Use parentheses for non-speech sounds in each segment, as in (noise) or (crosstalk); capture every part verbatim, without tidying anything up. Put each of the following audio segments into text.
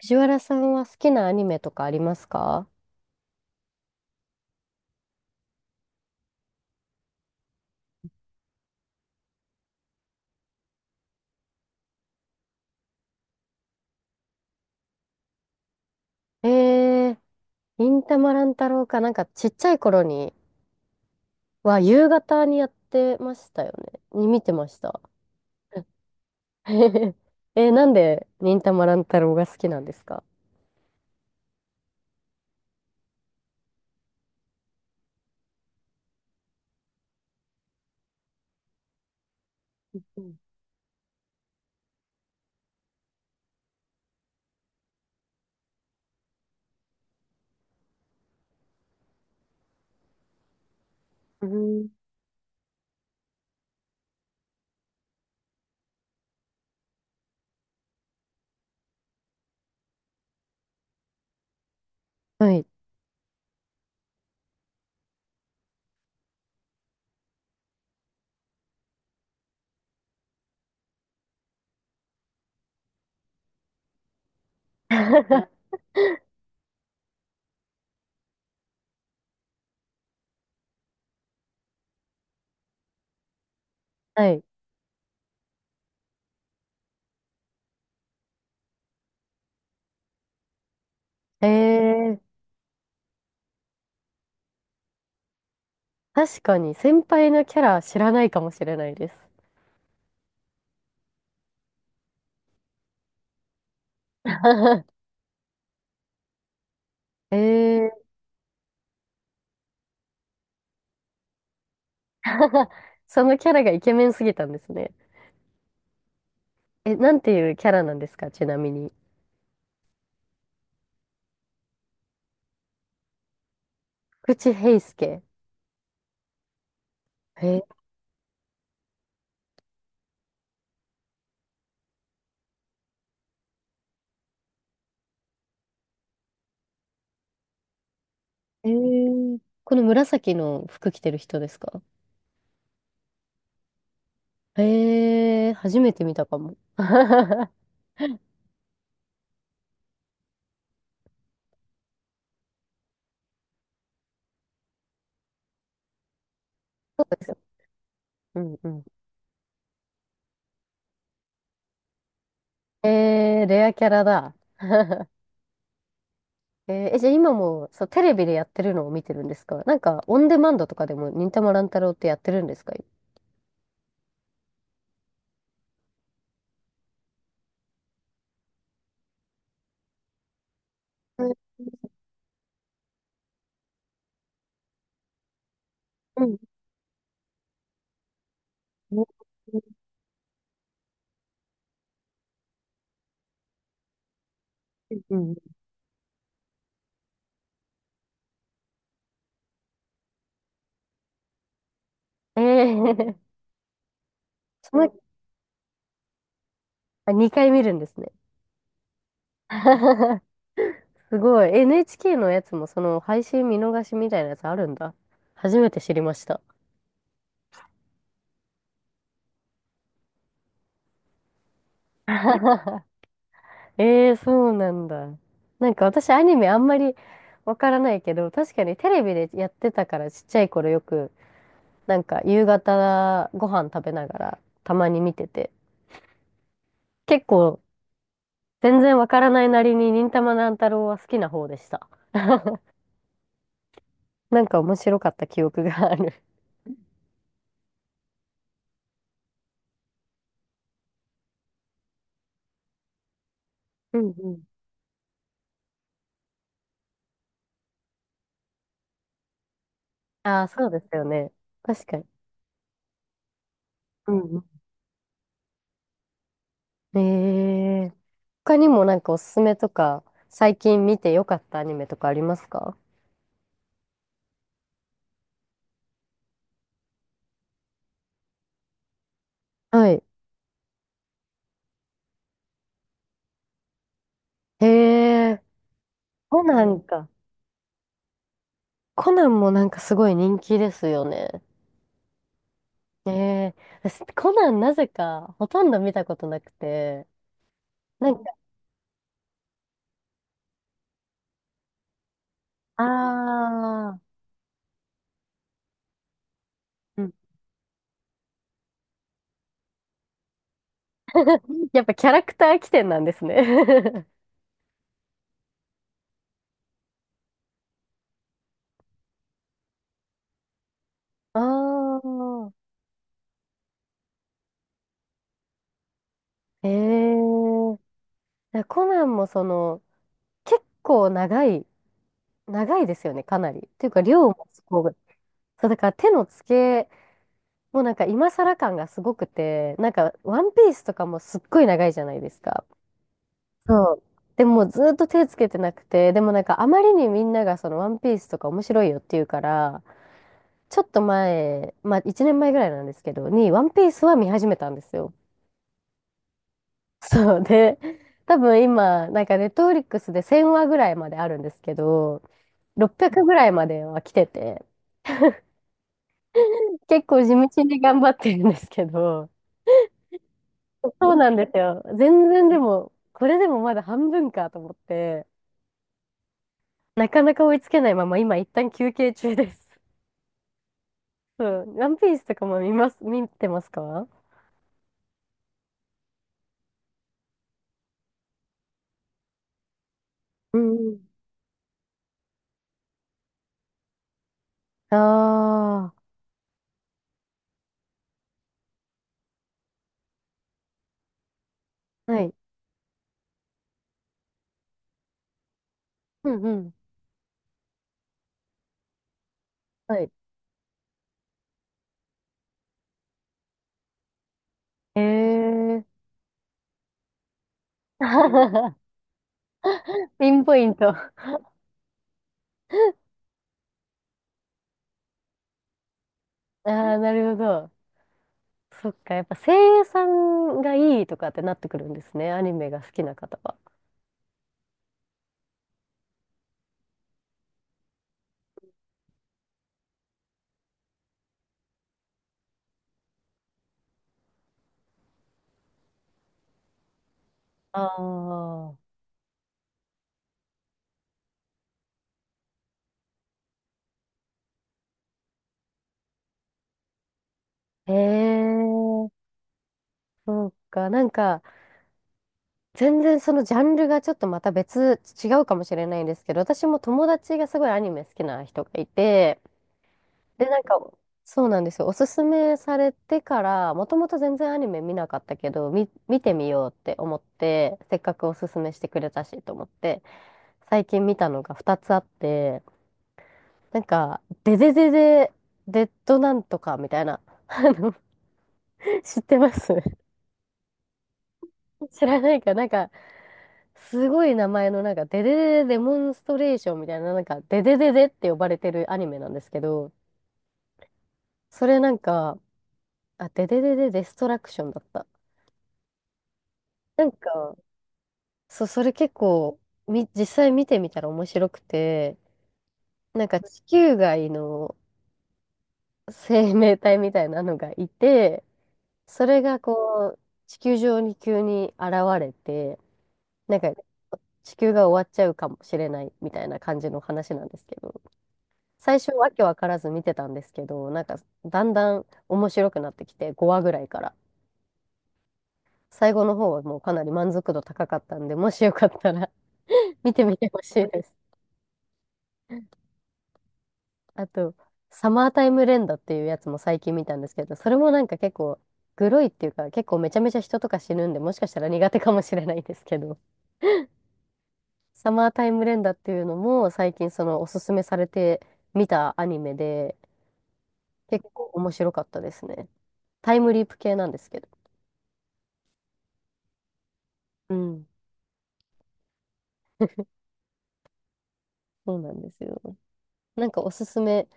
藤原さんは好きなアニメとかありますか？えー、忍たま乱太郎か、なんかちっちゃい頃には夕方にやってましたよね。に見てました。(laughs) えー、なんで忍たま乱太郎が好きなんですか？うん。はい。(laughs) はい。えー、確かに先輩のキャラ知らないかもしれないです。(laughs) えー、(laughs) そのキャラがイケメンすぎたんですね。え、なんていうキャラなんですか、ちなみに。口平助。へえー、この紫の服着てる人ですか？えー、初めて見たかも。(laughs) そうですよ。うんうん。えー、レアキャラだ。(laughs) えー、じゃあ今もそうテレビでやってるのを見てるんですか？なんかオンデマンドとかでも忍たま乱太郎ってやってるんですか？うん。うん。うん。うん。えー、(laughs) その、あ、にかい見るんですね。(laughs) すごい。エヌエイチケー のやつもその配信見逃しみたいなやつあるんだ。初めて知りました。(laughs) ええ、そうなんだ。なんか私アニメあんまりわからないけど、確かにテレビでやってたからちっちゃい頃よく、なんか夕方ご飯食べながらたまに見てて、結構全然わからないなりに忍たま乱太郎は好きな方でした。(laughs) なんか面白かった記憶がある。うんうん。ああ、そうですよね。確かに。うんうん。えー、他にもなんかおすすめとか、最近見てよかったアニメとかありますか？はい。へえ。コナンか。コナンもなんかすごい人気ですよね。ええ、私、コナンなぜかほとんど見たことなくて、なんか、ああ、うん。 (laughs) やっぱキャラクター起点なんですね。 (laughs) ああ、(laughs) ええ、いやコナンもその、結構長い、長いですよね、かなり。っていうか、量もすごい。そう、だから手の付け、もうなんか今更感がすごくて、なんか、ワンピースとかもすっごい長いじゃないですか。そう。でもずっと手つけてなくて、でもなんかあまりにみんながそのワンピースとか面白いよって言うから、ちょっと前、まあいちねんまえぐらいなんですけど、にワンピースは見始めたんですよ。そうで、多分今、なんかネットフリックスでせんわぐらいまであるんですけど、ろっぴゃくぐらいまでは来てて、結構地道に頑張ってるんですけど、そうなんですよ。全然でも、これでもまだ半分かと思って、なかなか追いつけないまま今一旦休憩中です。うん。ワンピースとかも見ます、見てますか？うんうん。ああ、はい。うんうん。はい。ええー、(laughs) ピンポイント。ああ、なるほど。そっか、やっぱ声優さんがいいとかってなってくるんですね。アニメが好きな方は。ああ。へえ、そうか。なんか、全然そのジャンルがちょっとまた別、違うかもしれないんですけど、私も友達がすごいアニメ好きな人がいて、で、なんか、そうなんですよ。おすすめされてから、もともと全然アニメ見なかったけど、み、見てみようって思って、せっかくおすすめしてくれたしと思って、最近見たのがふたつあって、なんか、デデデデ、デッドなんとかみたいな、(laughs) あの、知ってます？ (laughs) 知らないか、なんか、すごい名前の、なんか、デデデデデモンストレーションみたいな、なんか、デデデデって呼ばれてるアニメなんですけど、それなんか、あ、デデデデデストラクションだった。なんか、そう、それ結構、み、実際見てみたら面白くて、なんか地球外の生命体みたいなのがいて、それがこう、地球上に急に現れて、なんか地球が終わっちゃうかもしれないみたいな感じの話なんですけど、最初わけわからず見てたんですけど、なんかだんだん面白くなってきて、ごわぐらいから。最後の方はもうかなり満足度高かったんで、もしよかったら (laughs) 見てみてほしいです。あと、サマータイム連打っていうやつも最近見たんですけど、それもなんか結構、グロいっていうか、結構めちゃめちゃ人とか死ぬんで、もしかしたら苦手かもしれないですけど、サマータイム連打っていうのも最近そのおすすめされて見たアニメで、結構面白かったですね。タイムリープ系なんですけど。うん、そうなんですよ。なんかおすすめ、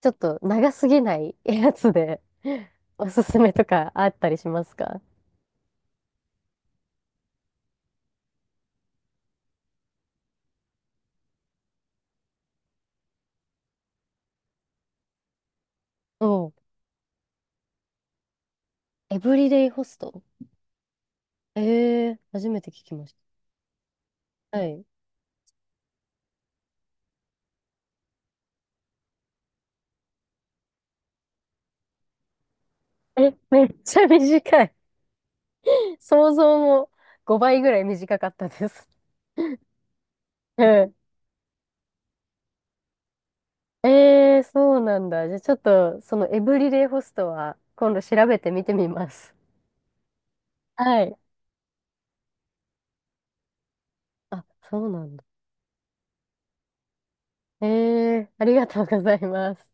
ちょっと長すぎないやつで (laughs) おすすめとかあったりしますか？うん。エブリデイホスト？ええー、初めて聞きました。はい。え、めっちゃ短い。想像もごばいぐらい短かったです。うん。えー、そうなんだ。じゃあちょっと、そのエブリデイホストは今度調べてみてみます。はい。あ、そうなんだ。えー、ありがとうございます。